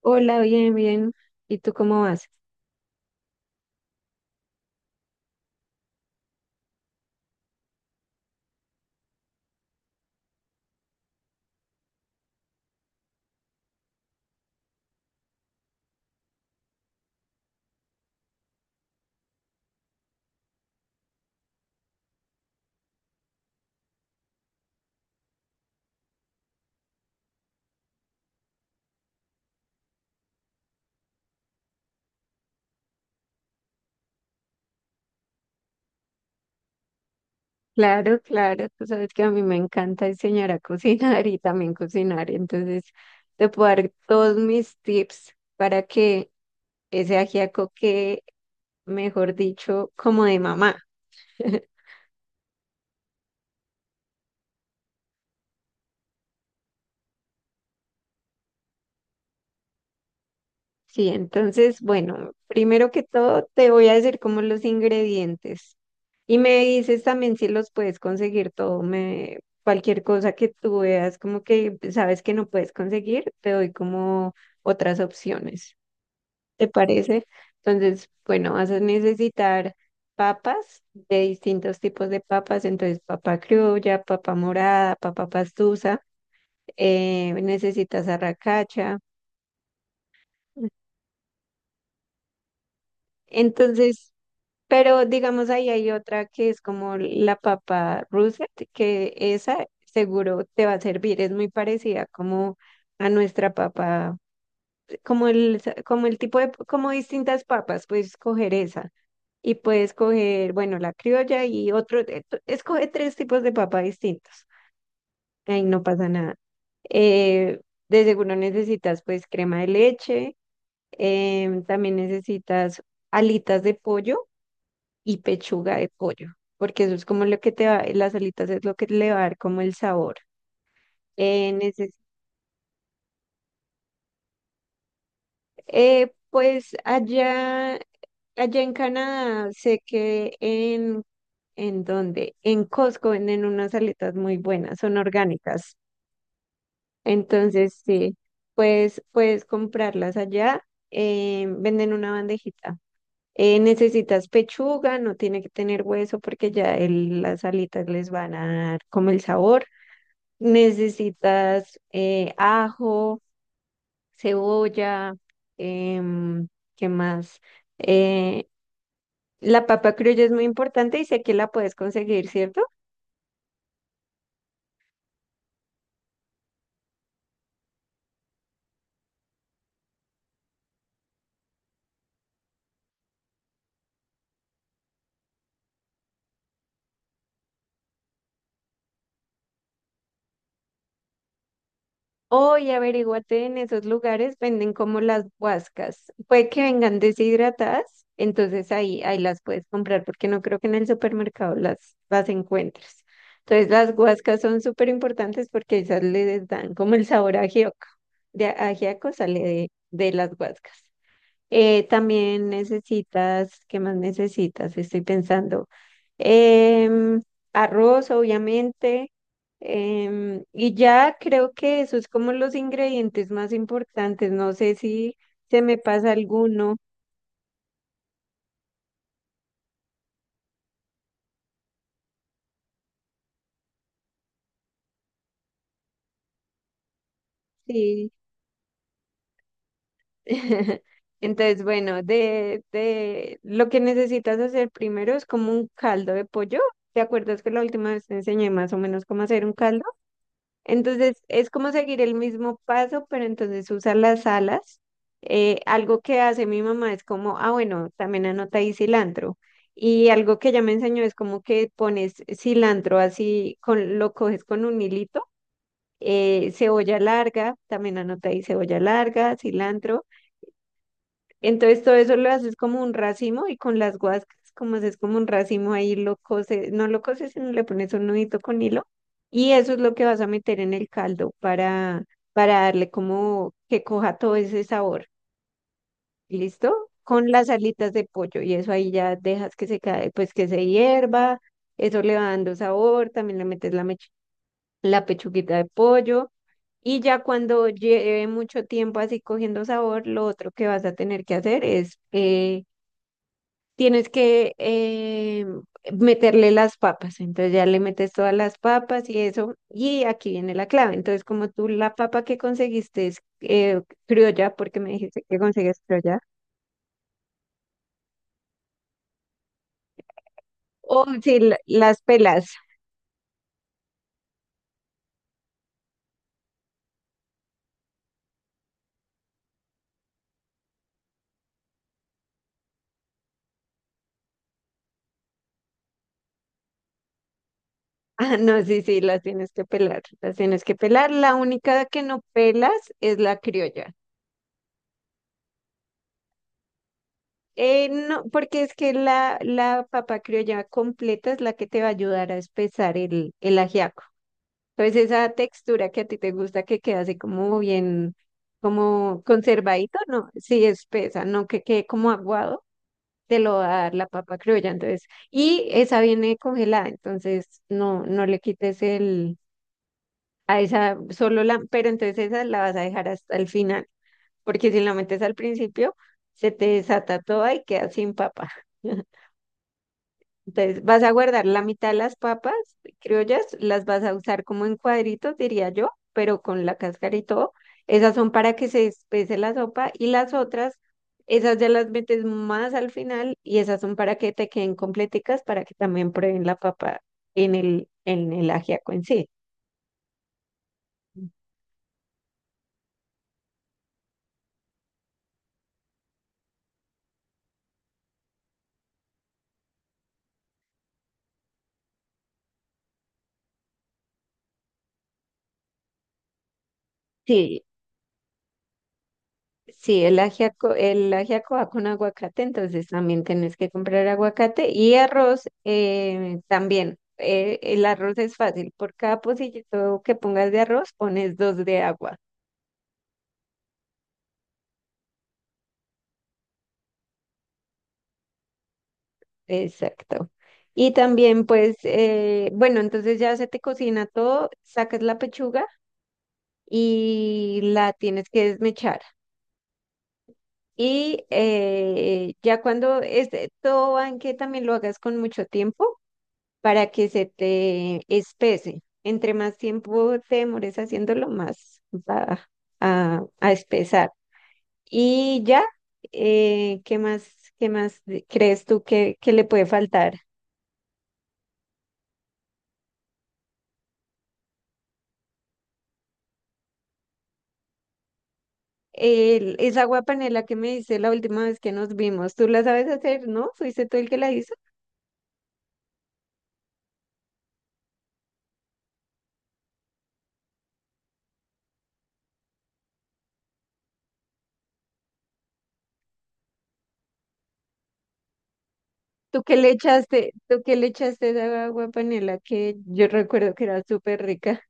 Hola, bien, bien. ¿Y tú cómo vas? Claro, claro. Tú sabes que a mí me encanta enseñar a cocinar y también cocinar. Entonces, te puedo dar todos mis tips para que ese ajiaco quede, mejor dicho, como de mamá. Sí, entonces, bueno, primero que todo te voy a decir como los ingredientes. Y me dices también si los puedes conseguir todo, cualquier cosa que tú veas, como que sabes que no puedes conseguir, te doy como otras opciones, ¿te parece? Entonces, bueno, vas a necesitar papas de distintos tipos de papas, entonces papa criolla, papa morada, papa pastusa, necesitas arracacha. Entonces, pero digamos ahí hay otra que es como la papa russet que esa seguro te va a servir, es muy parecida como a nuestra papa, como como el tipo de, como distintas papas, puedes escoger esa y puedes coger, bueno, la criolla y otro, escoge tres tipos de papa distintos, ahí no pasa nada. Eh, de seguro necesitas pues crema de leche, también necesitas alitas de pollo y pechuga de pollo, porque eso es como lo que te va, las alitas es lo que le va a dar como el sabor. Eh, neces- pues allá, allá en Canadá, sé que ¿en dónde? En Costco venden unas alitas muy buenas, son orgánicas. Entonces, sí, pues puedes comprarlas allá, venden una bandejita. Necesitas pechuga, no tiene que tener hueso porque ya las alitas les van a dar como el sabor. Necesitas ajo, cebolla, em, ¿qué más? Eh, la papa criolla es muy importante y sé que la puedes conseguir, ¿cierto? O y averíguate en esos lugares, venden como las guascas. Puede que vengan deshidratadas, entonces ahí las puedes comprar porque no creo que en el supermercado las encuentres. Entonces las guascas son súper importantes porque esas les dan como el sabor a ajíaco. De ajíaco sale de las guascas. También necesitas, ¿qué más necesitas? Estoy pensando. em, arroz, obviamente. Y ya creo que eso es como los ingredientes más importantes. No sé si se me pasa alguno. Sí. Entonces, bueno, de lo que necesitas hacer primero es como un caldo de pollo. ¿Te acuerdas que la última vez te enseñé más o menos cómo hacer un caldo? Entonces es como seguir el mismo paso, pero entonces usa las alas. Algo que hace mi mamá es como, ah, bueno, también anota ahí cilantro. Y algo que ella me enseñó es como que pones cilantro así, con, lo coges con un hilito, cebolla larga, también anota ahí cebolla larga, cilantro. Entonces todo eso lo haces como un racimo y con las guascas, como haces como un racimo ahí lo cose, no lo coses, sino le pones un nudito con hilo y eso es lo que vas a meter en el caldo para darle como que coja todo ese sabor. ¿Listo? Con las alitas de pollo y eso ahí ya dejas que se cae, pues que se hierva, eso le va dando sabor, también le metes la pechuguita de pollo. Y ya cuando lleve mucho tiempo así cogiendo sabor, lo otro que vas a tener que hacer es tienes que meterle las papas. Entonces ya le metes todas las papas y eso. Y aquí viene la clave. Entonces, como tú la papa que conseguiste es criolla, porque me dijiste que consigues criolla, o si las pelas. Ah, no, sí, sí, las tienes que pelar, las tienes que pelar. La única que no pelas es la criolla. No, porque es que la papa criolla completa es la que te va a ayudar a espesar el ajiaco. Entonces esa textura que a ti te gusta que queda así como bien, como conservadito, no, sí espesa, no que quede como aguado, te lo va a dar la papa criolla, entonces, y esa viene congelada, entonces no le quites el, a esa solo la, pero entonces esa la vas a dejar hasta el final, porque si la metes al principio, se te desata toda y queda sin papa. Entonces, vas a guardar la mitad de las papas criollas, las vas a usar como en cuadritos, diría yo, pero con la cáscara y todo. Esas son para que se espese la sopa y las otras, esas ya las metes más al final y esas son para que te queden completicas, para que también prueben la papa en en el ajiaco en sí. Sí, sí, el ajiaco va con aguacate, entonces también tenés que comprar aguacate y arroz también. El arroz es fácil, por cada pocillito que pongas de arroz pones dos de agua. Exacto. Y también pues, bueno, entonces ya se te cocina todo, sacas la pechuga y la tienes que desmechar. Y ya cuando este, todo va en que también lo hagas con mucho tiempo para que se te espese. Entre más tiempo te demores haciéndolo, más va a espesar. Y ya, eh, ¿qué más, qué más crees tú que le puede faltar? El, esa agua panela que me hice la última vez que nos vimos, ¿tú la sabes hacer, no? ¿Fuiste tú el que la hizo? ¿Tú qué le echaste, tú qué le echaste a esa agua panela que yo recuerdo que era súper rica?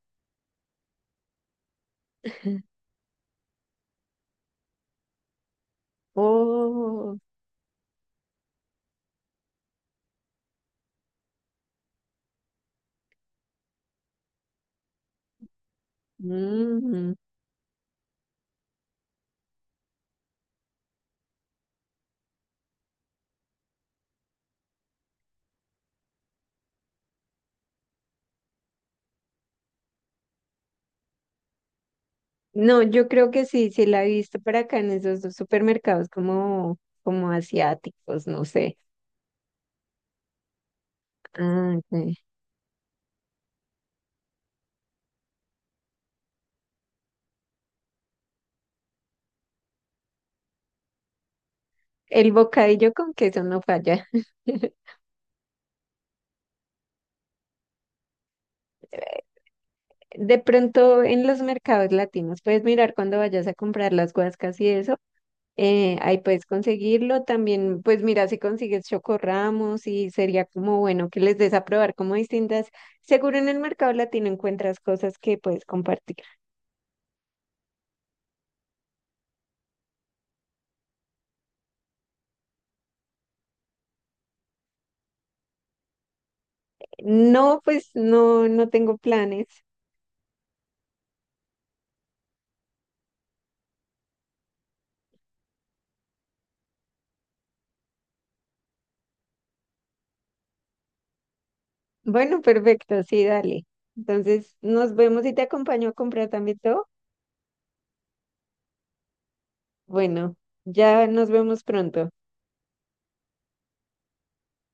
Oh, mm. No, yo creo que sí, sí la he visto para acá en esos dos supermercados como, como asiáticos, no sé. Ah, ok. El bocadillo con queso no falla. De pronto en los mercados latinos puedes mirar cuando vayas a comprar las guascas y eso, ahí puedes conseguirlo. También, pues mira si consigues chocorramos y sería como bueno que les des a probar como distintas. Seguro en el mercado latino encuentras cosas que puedes compartir. No, pues no, no tengo planes. Bueno, perfecto, sí, dale. Entonces, nos vemos y te acompaño a comprar también todo. Bueno, ya nos vemos pronto.